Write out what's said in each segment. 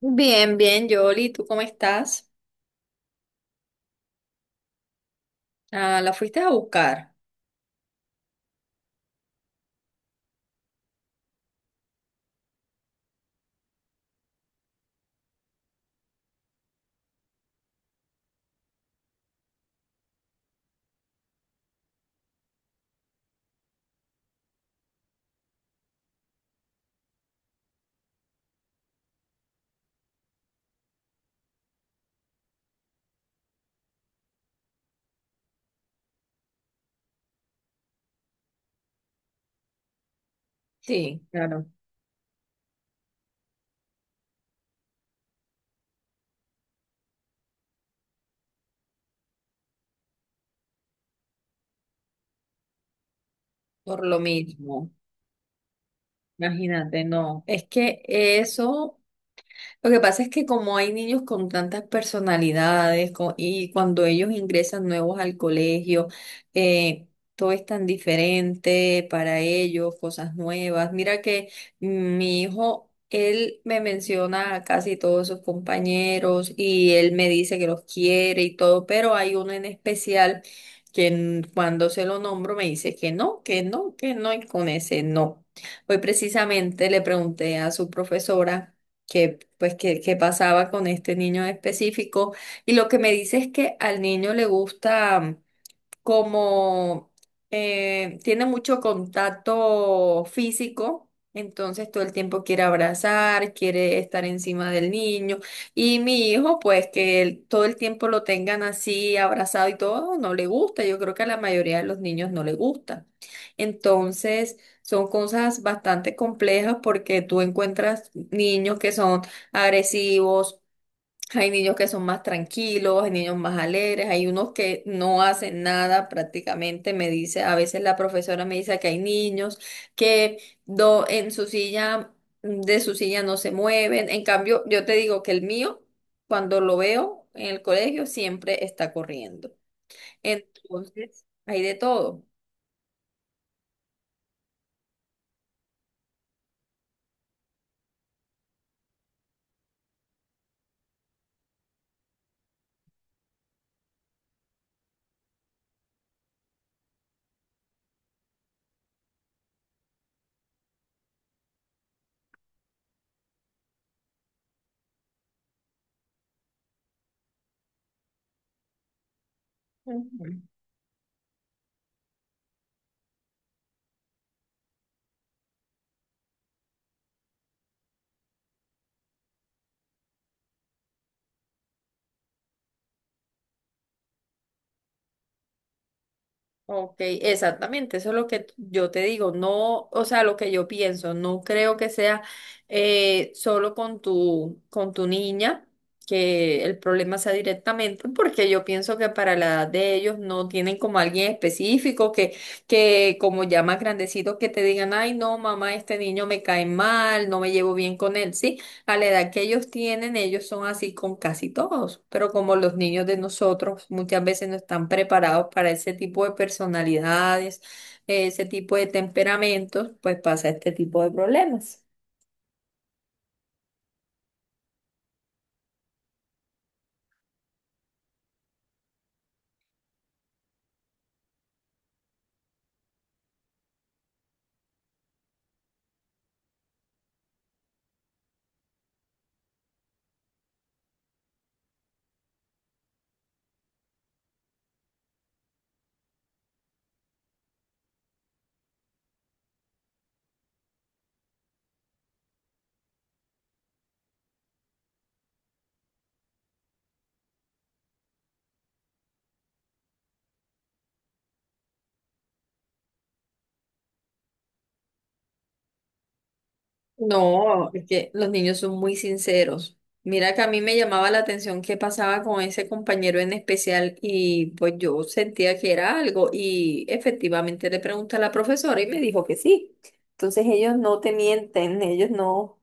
Bien, bien, Yoli, ¿tú cómo estás? Ah, la fuiste a buscar. Sí, claro, por lo mismo. Imagínate, no. Es que eso lo que pasa es que como hay niños con tantas personalidades y cuando ellos ingresan nuevos al colegio, eh, todo es tan diferente para ellos, cosas nuevas. Mira que mi hijo, él me menciona a casi todos sus compañeros y él me dice que los quiere y todo, pero hay uno en especial que cuando se lo nombro me dice que no, que no, que no y con ese no. Hoy precisamente le pregunté a su profesora qué pasaba con este niño en específico. Y lo que me dice es que al niño le gusta como tiene mucho contacto físico, entonces todo el tiempo quiere abrazar, quiere estar encima del niño. Y mi hijo, pues que todo el tiempo lo tengan así abrazado y todo, no le gusta. Yo creo que a la mayoría de los niños no le gusta. Entonces, son cosas bastante complejas porque tú encuentras niños que son agresivos, hay niños que son más tranquilos, hay niños más alegres, hay unos que no hacen nada prácticamente, me dice, a veces la profesora me dice que hay niños que en su silla, de su silla no se mueven. En cambio, yo te digo que el mío, cuando lo veo en el colegio, siempre está corriendo. Entonces, hay de todo. Ujú. Ok, exactamente, eso es lo que yo te digo, no, o sea, lo que yo pienso, no creo que sea solo con con tu niña, que el problema sea directamente, porque yo pienso que para la edad de ellos no tienen como alguien específico que como ya más grandecitos que te digan, ay, no, mamá, este niño me cae mal, no me llevo bien con él, ¿sí? A la edad que ellos tienen, ellos son así con casi todos, pero como los niños de nosotros muchas veces no están preparados para ese tipo de personalidades, ese tipo de temperamentos, pues pasa este tipo de problemas. No, es que los niños son muy sinceros. Mira que a mí me llamaba la atención qué pasaba con ese compañero en especial y pues yo sentía que era algo y efectivamente le pregunté a la profesora y me dijo que sí. Entonces ellos no te mienten, ellos no.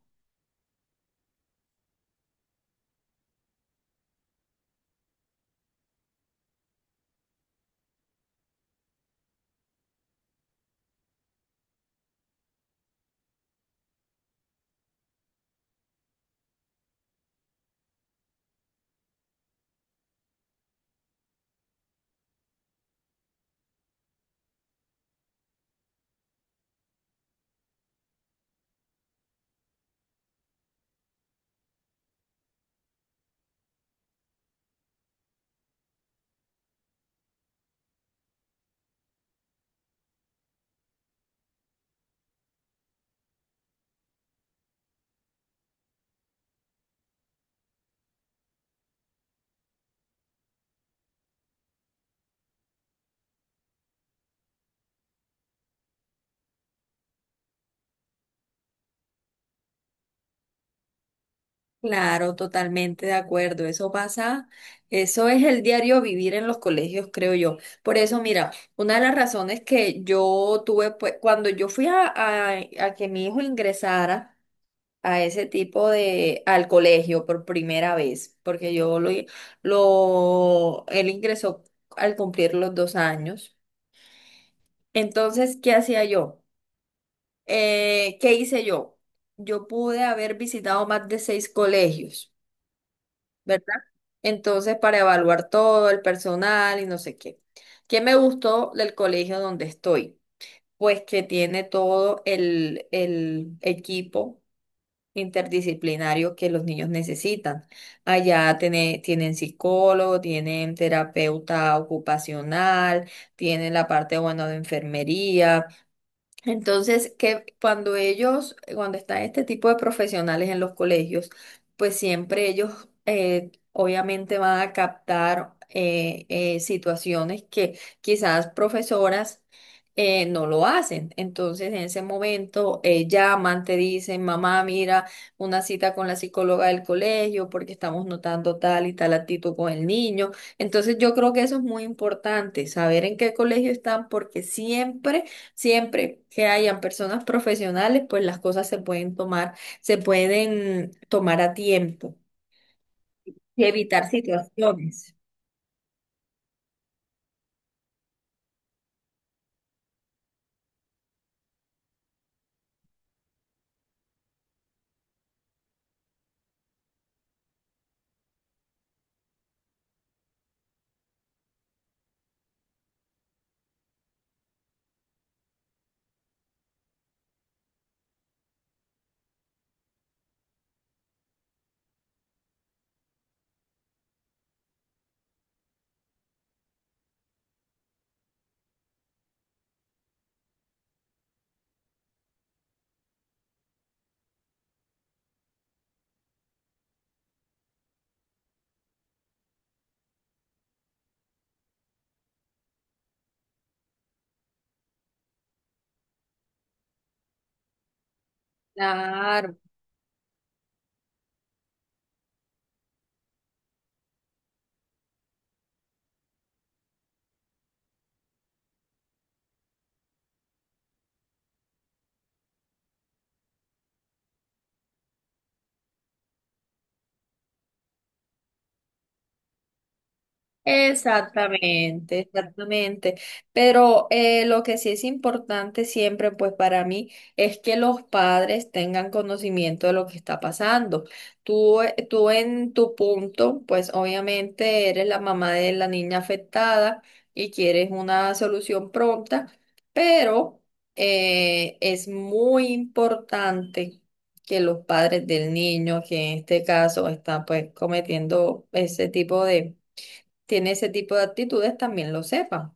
Claro, totalmente de acuerdo. Eso pasa, eso es el diario vivir en los colegios, creo yo. Por eso, mira, una de las razones que yo tuve, pues, cuando yo fui a, a que mi hijo ingresara a ese tipo de, al colegio por primera vez, porque yo él ingresó al cumplir los dos años. Entonces, ¿qué hacía yo? ¿qué hice yo? Yo pude haber visitado más de seis colegios. ¿Verdad? Entonces, para evaluar todo el personal y no sé qué. ¿Qué me gustó del colegio donde estoy? Pues que tiene todo el equipo interdisciplinario que los niños necesitan. Allá tienen psicólogo, tienen terapeuta ocupacional, tienen la parte, bueno, de enfermería, entonces, que cuando ellos, cuando están este tipo de profesionales en los colegios, pues siempre ellos obviamente van a captar situaciones que quizás profesoras no lo hacen. Entonces, en ese momento llaman, te dicen, mamá, mira, una cita con la psicóloga del colegio porque estamos notando tal y tal actitud con el niño. Entonces, yo creo que eso es muy importante, saber en qué colegio están porque siempre que hayan personas profesionales, pues las cosas se pueden tomar a tiempo y evitar situaciones. Claro. Exactamente, exactamente. Pero lo que sí es importante siempre, pues para mí, es que los padres tengan conocimiento de lo que está pasando. Tú, tú en tu punto, pues obviamente eres la mamá de la niña afectada y quieres una solución pronta, pero es muy importante que los padres del niño, que en este caso están pues cometiendo ese tipo de, tiene ese tipo de actitudes, también lo sepan.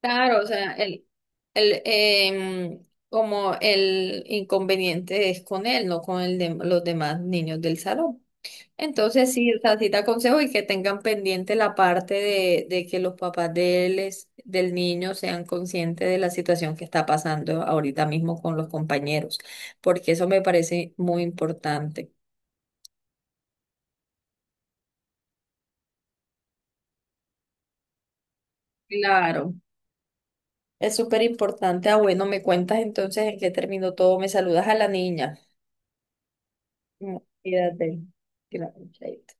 Claro, o sea, el, em, como el inconveniente es con él, no con el de, los demás niños del salón. Entonces sí, o sea, sí te aconsejo y que tengan pendiente la parte de que los papás de él del niño sean conscientes de la situación que está pasando ahorita mismo con los compañeros, porque eso me parece muy importante. Claro, es súper importante. Ah, bueno, me cuentas entonces en qué terminó todo. Me saludas a la niña. Mm, cuídate. Claro, chaito.